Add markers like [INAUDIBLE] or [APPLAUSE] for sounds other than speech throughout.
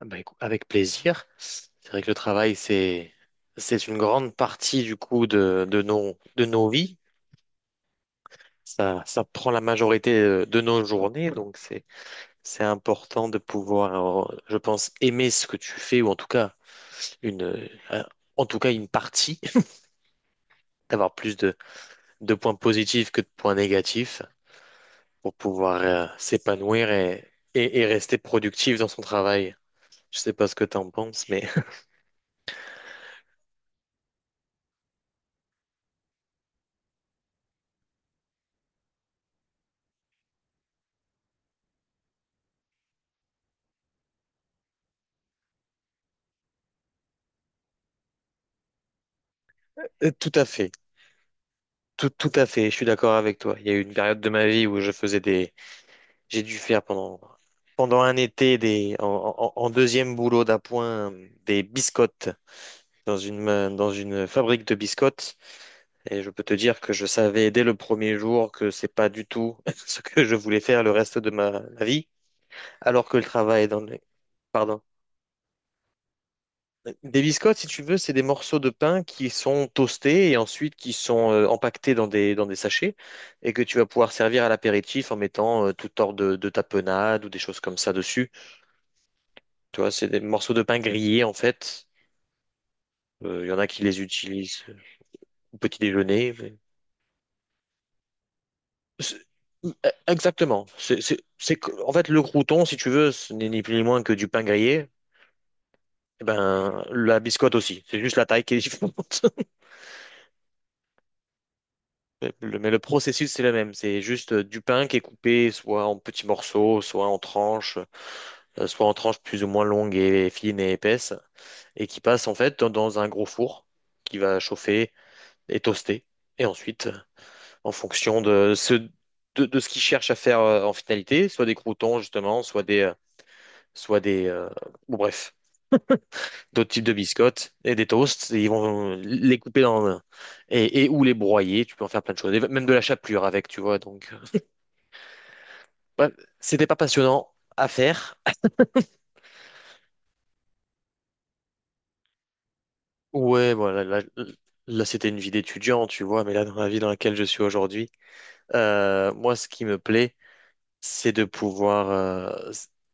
Ah bah, avec plaisir. C'est vrai que le travail, c'est une grande partie du coup de nos vies. Ça prend la majorité de nos journées, donc c'est important de pouvoir, je pense, aimer ce que tu fais, ou en tout cas une, euh, euh, en tout cas une partie, d'avoir plus de points positifs que de points négatifs pour pouvoir s'épanouir et rester productif dans son travail. Je sais pas ce que tu en penses, mais [LAUGHS] tout à fait. Tout à fait, je suis d'accord avec toi. Il y a eu une période de ma vie où je faisais des, j'ai dû faire pendant un été des en deuxième boulot d'appoint des biscottes dans une dans une fabrique de biscottes, et je peux te dire que je savais dès le premier jour que c'est pas du tout [LAUGHS] ce que je voulais faire le reste de ma vie, alors que le travail dans le... Pardon. Des biscottes, si tu veux, c'est des morceaux de pain qui sont toastés et ensuite qui sont empaquetés dans des sachets, et que tu vas pouvoir servir à l'apéritif en mettant tout hors de tapenade ou des choses comme ça dessus. Tu vois, c'est des morceaux de pain grillés en fait. Il y en a qui les utilisent au petit déjeuner, C'est- euh, exactement. En fait, le crouton, si tu veux, ce n'est ni plus ni moins que du pain grillé. Eh ben, la biscotte aussi. C'est juste la taille qui est [LAUGHS] différente. Mais le processus, c'est le même. C'est juste du pain qui est coupé soit en petits morceaux, soit en tranches plus ou moins longues et fines et épaisses, et qui passe en fait dans un gros four qui va chauffer et toaster. Et ensuite, en fonction de ce qu'ils cherchent à faire en finalité, soit des croutons justement, soit des, euh, ou bref, d'autres types de biscottes et des toasts, et ils vont les couper dans, et ou les broyer. Tu peux en faire plein de choses, et même de la chapelure avec, tu vois, ouais, c'était pas passionnant à faire. Ouais, voilà, c'était une vie d'étudiant, tu vois, mais là, dans la vie dans laquelle je suis aujourd'hui, moi, ce qui me plaît, c'est de pouvoir, euh,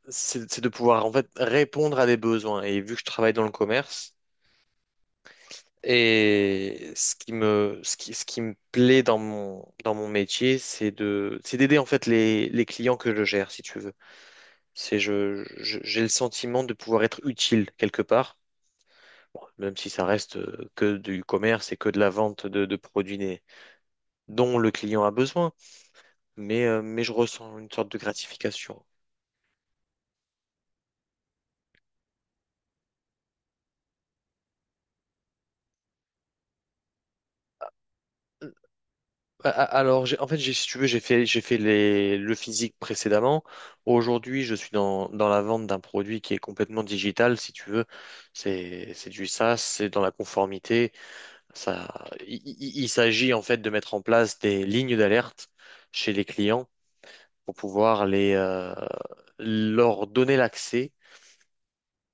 c'est c'est de pouvoir, en fait, répondre à des besoins. Et vu que je travaille dans le commerce, et ce qui me plaît dans mon métier, c'est d'aider, en fait, les clients que je gère, si tu veux. C'est, j'ai le sentiment de pouvoir être utile quelque part. Bon, même si ça reste que du commerce et que de la vente de dont le client a besoin, mais je ressens une sorte de gratification. Euh, Alors, si tu veux, j'ai fait le physique précédemment. Aujourd'hui, je suis dans la vente d'un produit qui est complètement digital, si tu veux. C'est du SaaS, c'est dans la conformité. Il s'agit en fait de mettre en place des lignes d'alerte chez les clients pour pouvoir leur donner l'accès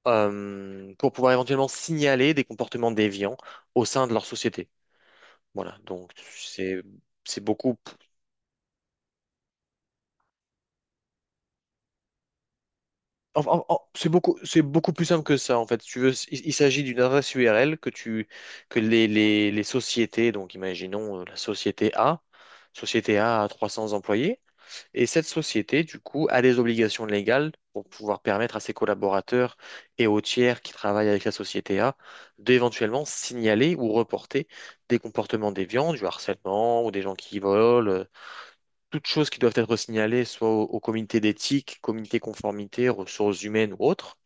pour pouvoir éventuellement signaler des comportements déviants au sein de leur société. Voilà, donc c'est beaucoup en- en- en- c'est beaucoup plus simple que ça en fait. Si tu veux, il s'agit d'une adresse URL que tu que les sociétés, donc imaginons la société A, société A a 300 employés. Et cette société, du coup, a des obligations légales pour pouvoir permettre à ses collaborateurs et aux tiers qui travaillent avec la société A d'éventuellement signaler ou reporter des comportements déviants, du harcèlement ou des gens qui volent, toutes choses qui doivent être signalées soit au comité d'éthique, comité conformité, ressources humaines ou autres.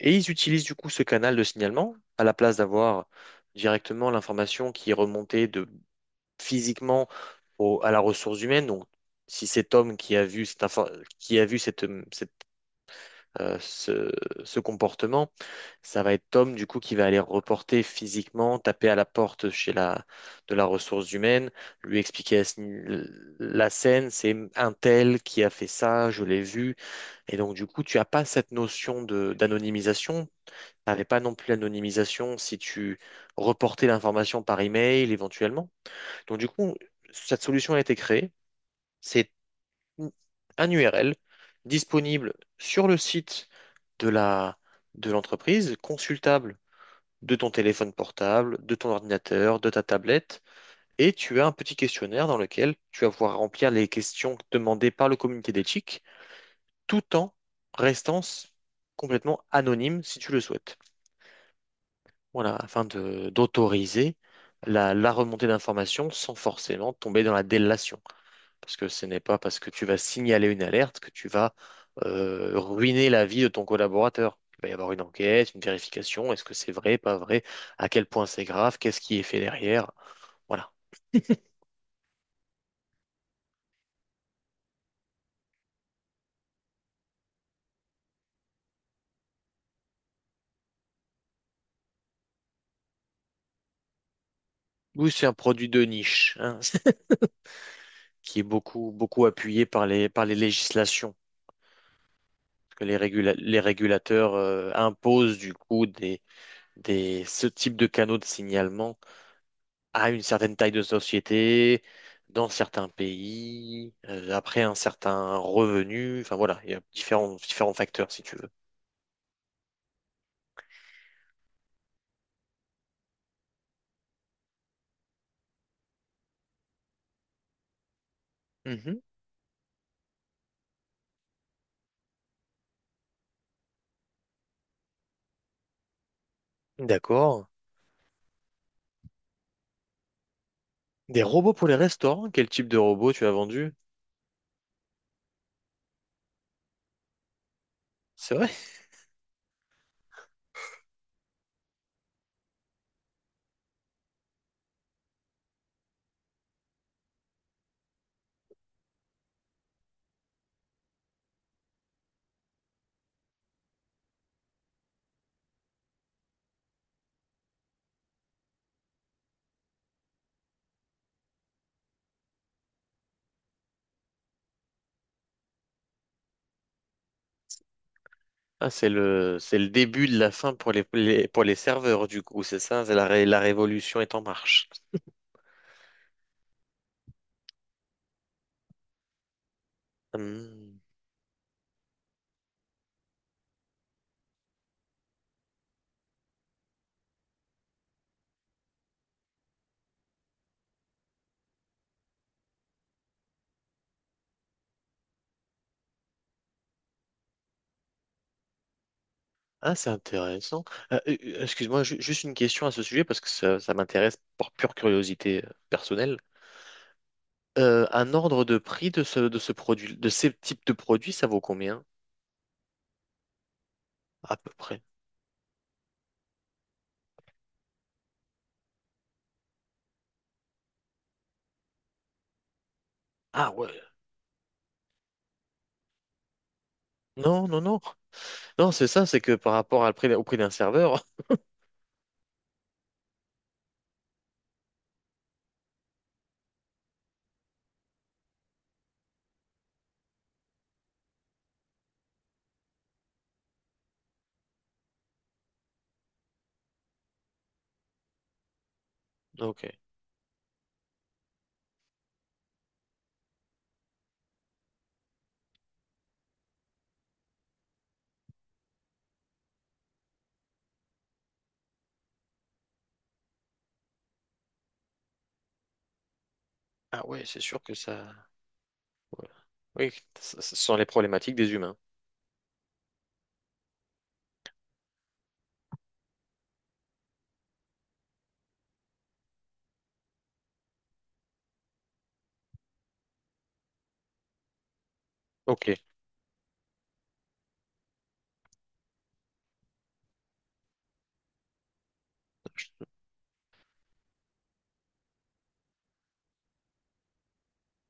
Et ils utilisent du coup ce canal de signalement à la place d'avoir directement l'information qui est remontée de physiquement à la ressource humaine. Donc, si cet homme qui a vu cette, euh, ce, ce comportement, ça va être Tom du coup qui va aller reporter physiquement, taper à la porte chez la de la ressource humaine, lui expliquer la scène, c'est un tel qui a fait ça, je l'ai vu. Et donc du coup, tu n'as pas cette notion de d'anonymisation. T'avais pas non plus l'anonymisation si tu reportais l'information par email éventuellement. Donc du coup, cette solution a été créée, un URL disponible sur le site de la, de l'entreprise, consultable de ton téléphone portable, de ton ordinateur, de ta tablette, et tu as un petit questionnaire dans lequel tu vas pouvoir remplir les questions demandées par le comité d'éthique, tout en restant complètement anonyme si tu le souhaites. Voilà, afin de d'autoriser la remontée d'informations sans forcément tomber dans la délation. Parce que ce n'est pas parce que tu vas signaler une alerte que tu vas ruiner la vie de ton collaborateur. Il va y avoir une enquête, une vérification. Est-ce que c'est vrai, pas vrai? À quel point c'est grave? Qu'est-ce qui est fait derrière? Voilà. Oui, c'est un produit de niche, hein, [LAUGHS] qui est beaucoup, beaucoup appuyé par les législations. Parce que les régulateurs imposent du coup ce type de canaux de signalement à une certaine taille de société, dans certains pays, après un certain revenu. Enfin voilà, il y a différents facteurs si tu veux. Mhm. D'accord. Des robots pour les restaurants? Quel type de robot tu as vendu? C'est vrai? Ah, c'est c'est le début de la fin pour pour les serveurs, du coup, c'est ça? C'est la révolution est en marche. Hmm. Ah, c'est intéressant. Excuse-moi, ju- juste une question à ce sujet parce que ça m'intéresse par pure curiosité personnelle. Un ordre de prix de ce produit, de ces types de produits, ça vaut combien à peu près? Ah ouais. Non, non, non. Non, c'est ça, c'est que par rapport à le prix- au prix d'un serveur. [LAUGHS] Ok. Ah ouais, c'est sûr que ça. Ouais. Oui, ce ce sont les problématiques des humains. Ok.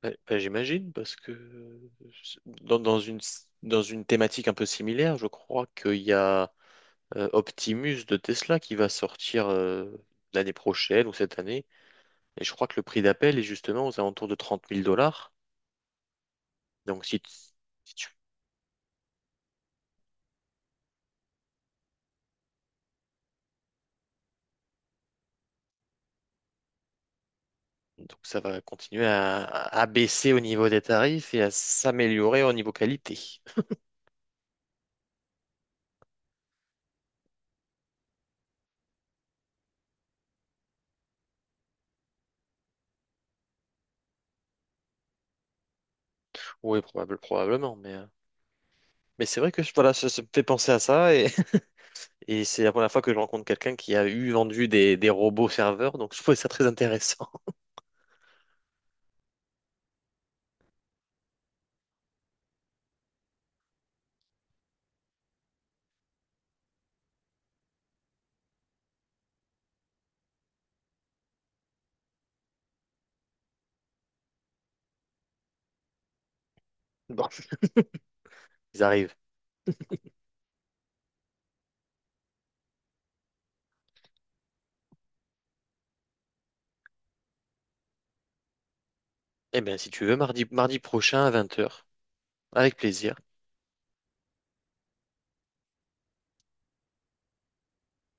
Bah, bah, j'imagine, parce que dans, dans une, dans une thématique un peu similaire, je crois qu'il y a Optimus de Tesla qui va sortir l'année prochaine ou cette année. Et je crois que le prix d'appel est justement aux alentours de 30 000 dollars. Donc, si, tu- si tu- Donc ça va continuer à baisser au niveau des tarifs et à s'améliorer au niveau qualité. Oui, probablement, mais c'est vrai que voilà, ça me fait penser à ça et, [LAUGHS] et c'est la première fois que je rencontre quelqu'un qui a eu vendu des robots serveurs, donc je trouvais ça très intéressant. [LAUGHS] Bon, ils arrivent. Eh bien, si tu veux, mardi prochain à 20 heures avec plaisir.